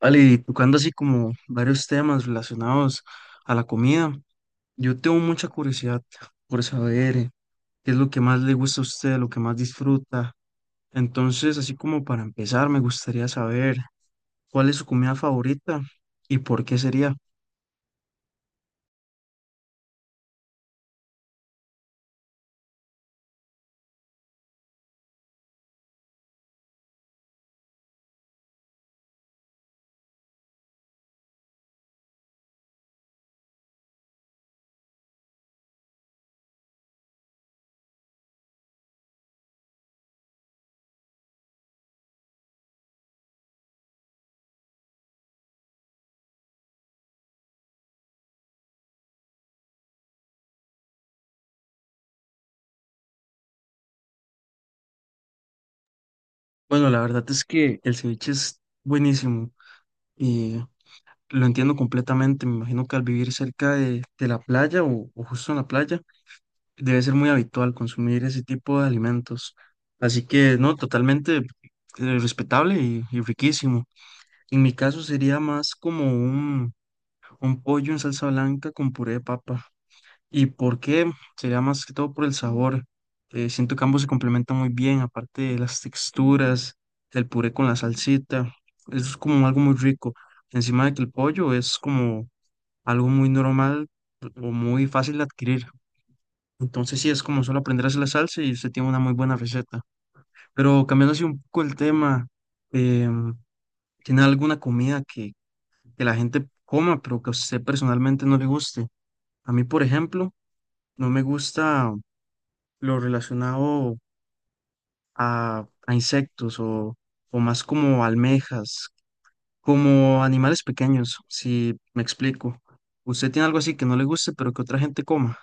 Vale, y tocando así como varios temas relacionados a la comida, yo tengo mucha curiosidad por saber qué es lo que más le gusta a usted, lo que más disfruta. Entonces, así como para empezar, me gustaría saber cuál es su comida favorita y por qué sería. Bueno, la verdad es que el ceviche es buenísimo y lo entiendo completamente. Me imagino que al vivir cerca de la playa o justo en la playa, debe ser muy habitual consumir ese tipo de alimentos. Así que, no, totalmente respetable y riquísimo. En mi caso sería más como un pollo en salsa blanca con puré de papa. ¿Y por qué? Sería más que todo por el sabor. Siento que ambos se complementan muy bien, aparte de las texturas, el puré con la salsita. Eso es como algo muy rico. Encima de que el pollo es como algo muy normal o muy fácil de adquirir. Entonces sí, es como solo aprender a hacer la salsa y usted tiene una muy buena receta. Pero cambiando así un poco el tema, em, ¿tiene alguna que la gente coma, pero que a usted personalmente no le guste? A mí, por ejemplo, no me gusta lo relacionado a insectos o más como almejas, como animales pequeños, si me explico. ¿Usted tiene algo así que no le guste, pero que otra gente coma?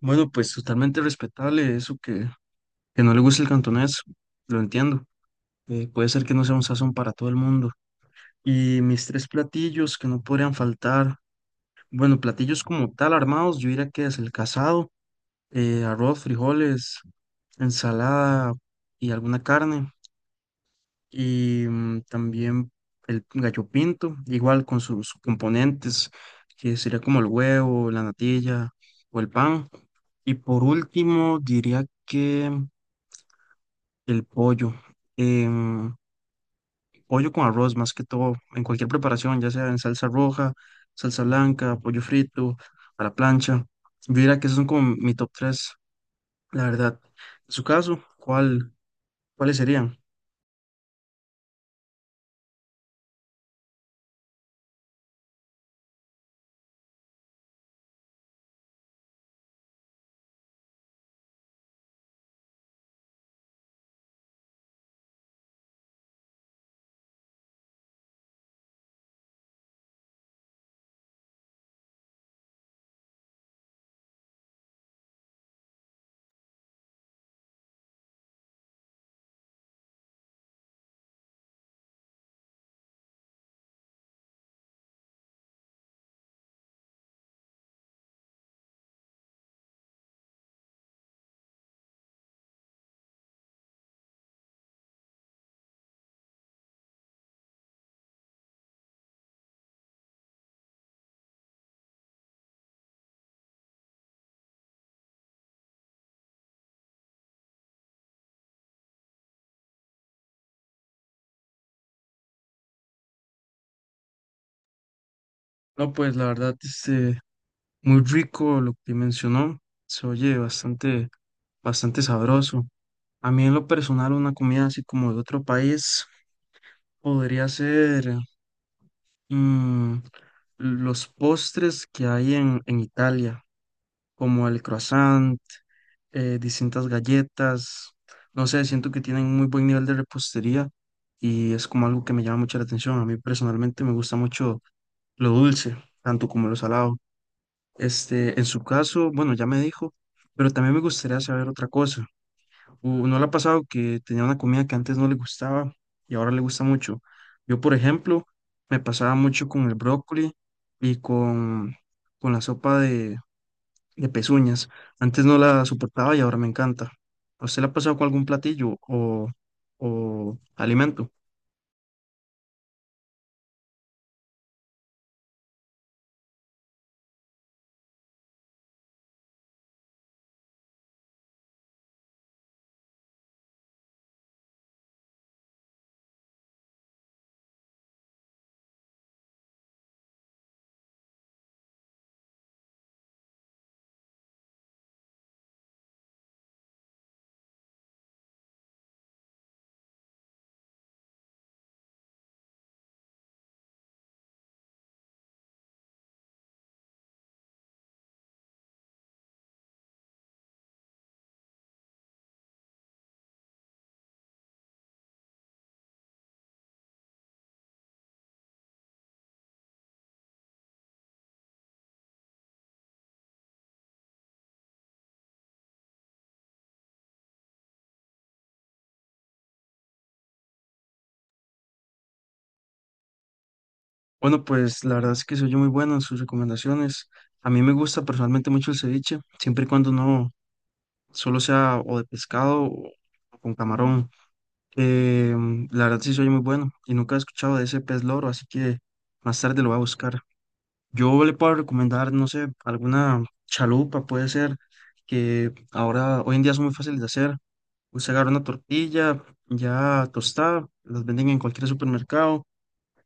Bueno, pues totalmente respetable eso. Que no le guste el cantonés, lo entiendo. Puede ser que no sea un sazón para todo el mundo. Y mis tres platillos que no podrían faltar. Bueno, platillos como tal armados, yo diría que es el casado, arroz, frijoles, ensalada y alguna carne. Y también el gallo pinto, igual con sus componentes, que sería como el huevo, la natilla o el pan. Y por último, diría que el pollo. Em, pollo con arroz más que todo, en cualquier preparación, ya sea en salsa roja, salsa blanca, pollo frito, a la plancha. Yo diría que esos son como mi top 3 la verdad. En su caso, ¿cuál, cuáles serían? No, pues la verdad, este, muy rico lo que mencionó, se oye bastante, bastante sabroso. A mí en lo personal, una comida así como de otro país podría ser mm, los postres que hay en Italia, como el croissant, distintas galletas, no sé, siento que tienen muy buen nivel de repostería y es como algo que me llama mucho la atención. A mí personalmente me gusta mucho lo dulce, tanto como lo salado. Este, en su caso, bueno, ya me dijo, pero también me gustaría saber otra cosa. ¿No le ha pasado que tenía una comida que antes no le gustaba y ahora le gusta mucho? Yo, por ejemplo, me pasaba mucho con el brócoli y con la sopa de pezuñas. Antes no la soportaba y ahora me encanta. ¿A usted le ha pasado con algún platillo o alimento? Bueno, pues la verdad es que soy yo muy bueno en sus recomendaciones. A mí me gusta personalmente mucho el ceviche, siempre y cuando no solo sea o de pescado o con camarón. Eh, la verdad sí soy muy bueno y nunca he escuchado de ese pez loro, así que más tarde lo voy a buscar. Yo le puedo recomendar, no sé, alguna chalupa puede ser, que ahora hoy en día son muy fáciles de hacer. Usted agarra una tortilla ya tostada, las venden en cualquier supermercado,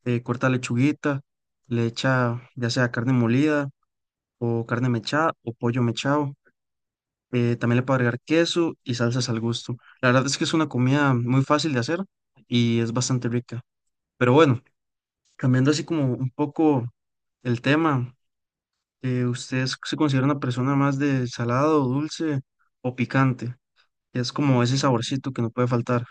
corta lechuguita, le echa ya sea carne molida o carne mechada o pollo mechado. Eh, también le puede agregar queso y salsas al gusto. La verdad es que es una comida muy fácil de hacer y es bastante rica. Pero bueno, cambiando así como un poco el tema, ¿usted se considera una persona más de salado, dulce o picante? Es como ese saborcito que no puede faltar.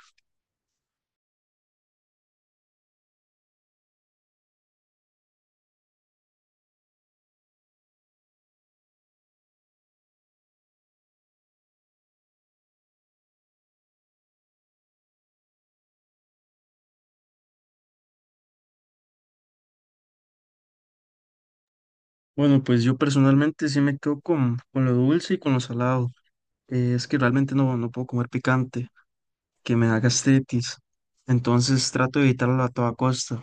Bueno, pues yo personalmente sí me quedo con lo dulce y con lo salado. Es que realmente no, no puedo comer picante, que me da gastritis. Entonces trato de evitarlo a toda costa.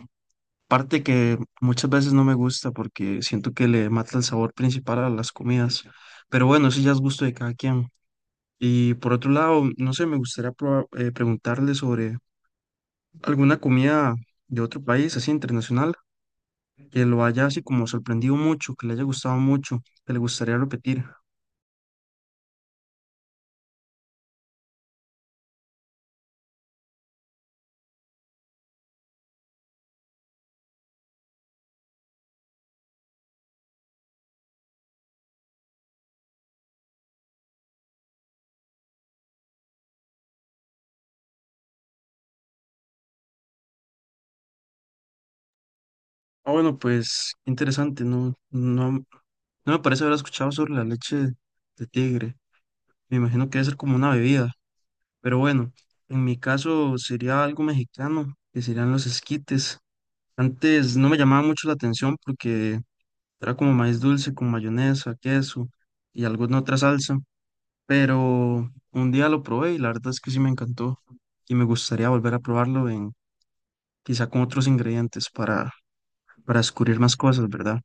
Parte que muchas veces no me gusta porque siento que le mata el sabor principal a las comidas. Pero bueno, eso ya es gusto de cada quien. Y por otro lado, no sé, me gustaría preguntarle sobre alguna comida de otro país, así internacional, que lo haya así como sorprendido mucho, que le haya gustado mucho, que le gustaría repetir. Ah, bueno, pues interesante, no, no, no me parece haber escuchado sobre la leche de tigre. Me imagino que debe ser como una bebida, pero bueno, en mi caso sería algo mexicano, que serían los esquites. Antes no me llamaba mucho la atención porque era como maíz dulce con mayonesa, queso y alguna otra salsa, pero un día lo probé y la verdad es que sí me encantó y me gustaría volver a probarlo en quizá con otros ingredientes para descubrir más cosas, ¿verdad?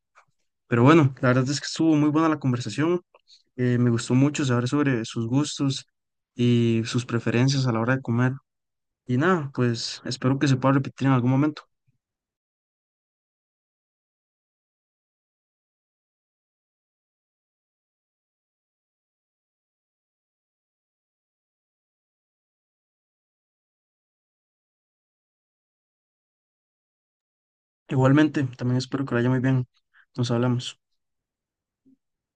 Pero bueno, la verdad es que estuvo muy buena la conversación. Eh, me gustó mucho saber sobre sus gustos y sus preferencias a la hora de comer. Y nada, pues espero que se pueda repetir en algún momento. Igualmente, también espero que lo haya muy bien. Nos hablamos.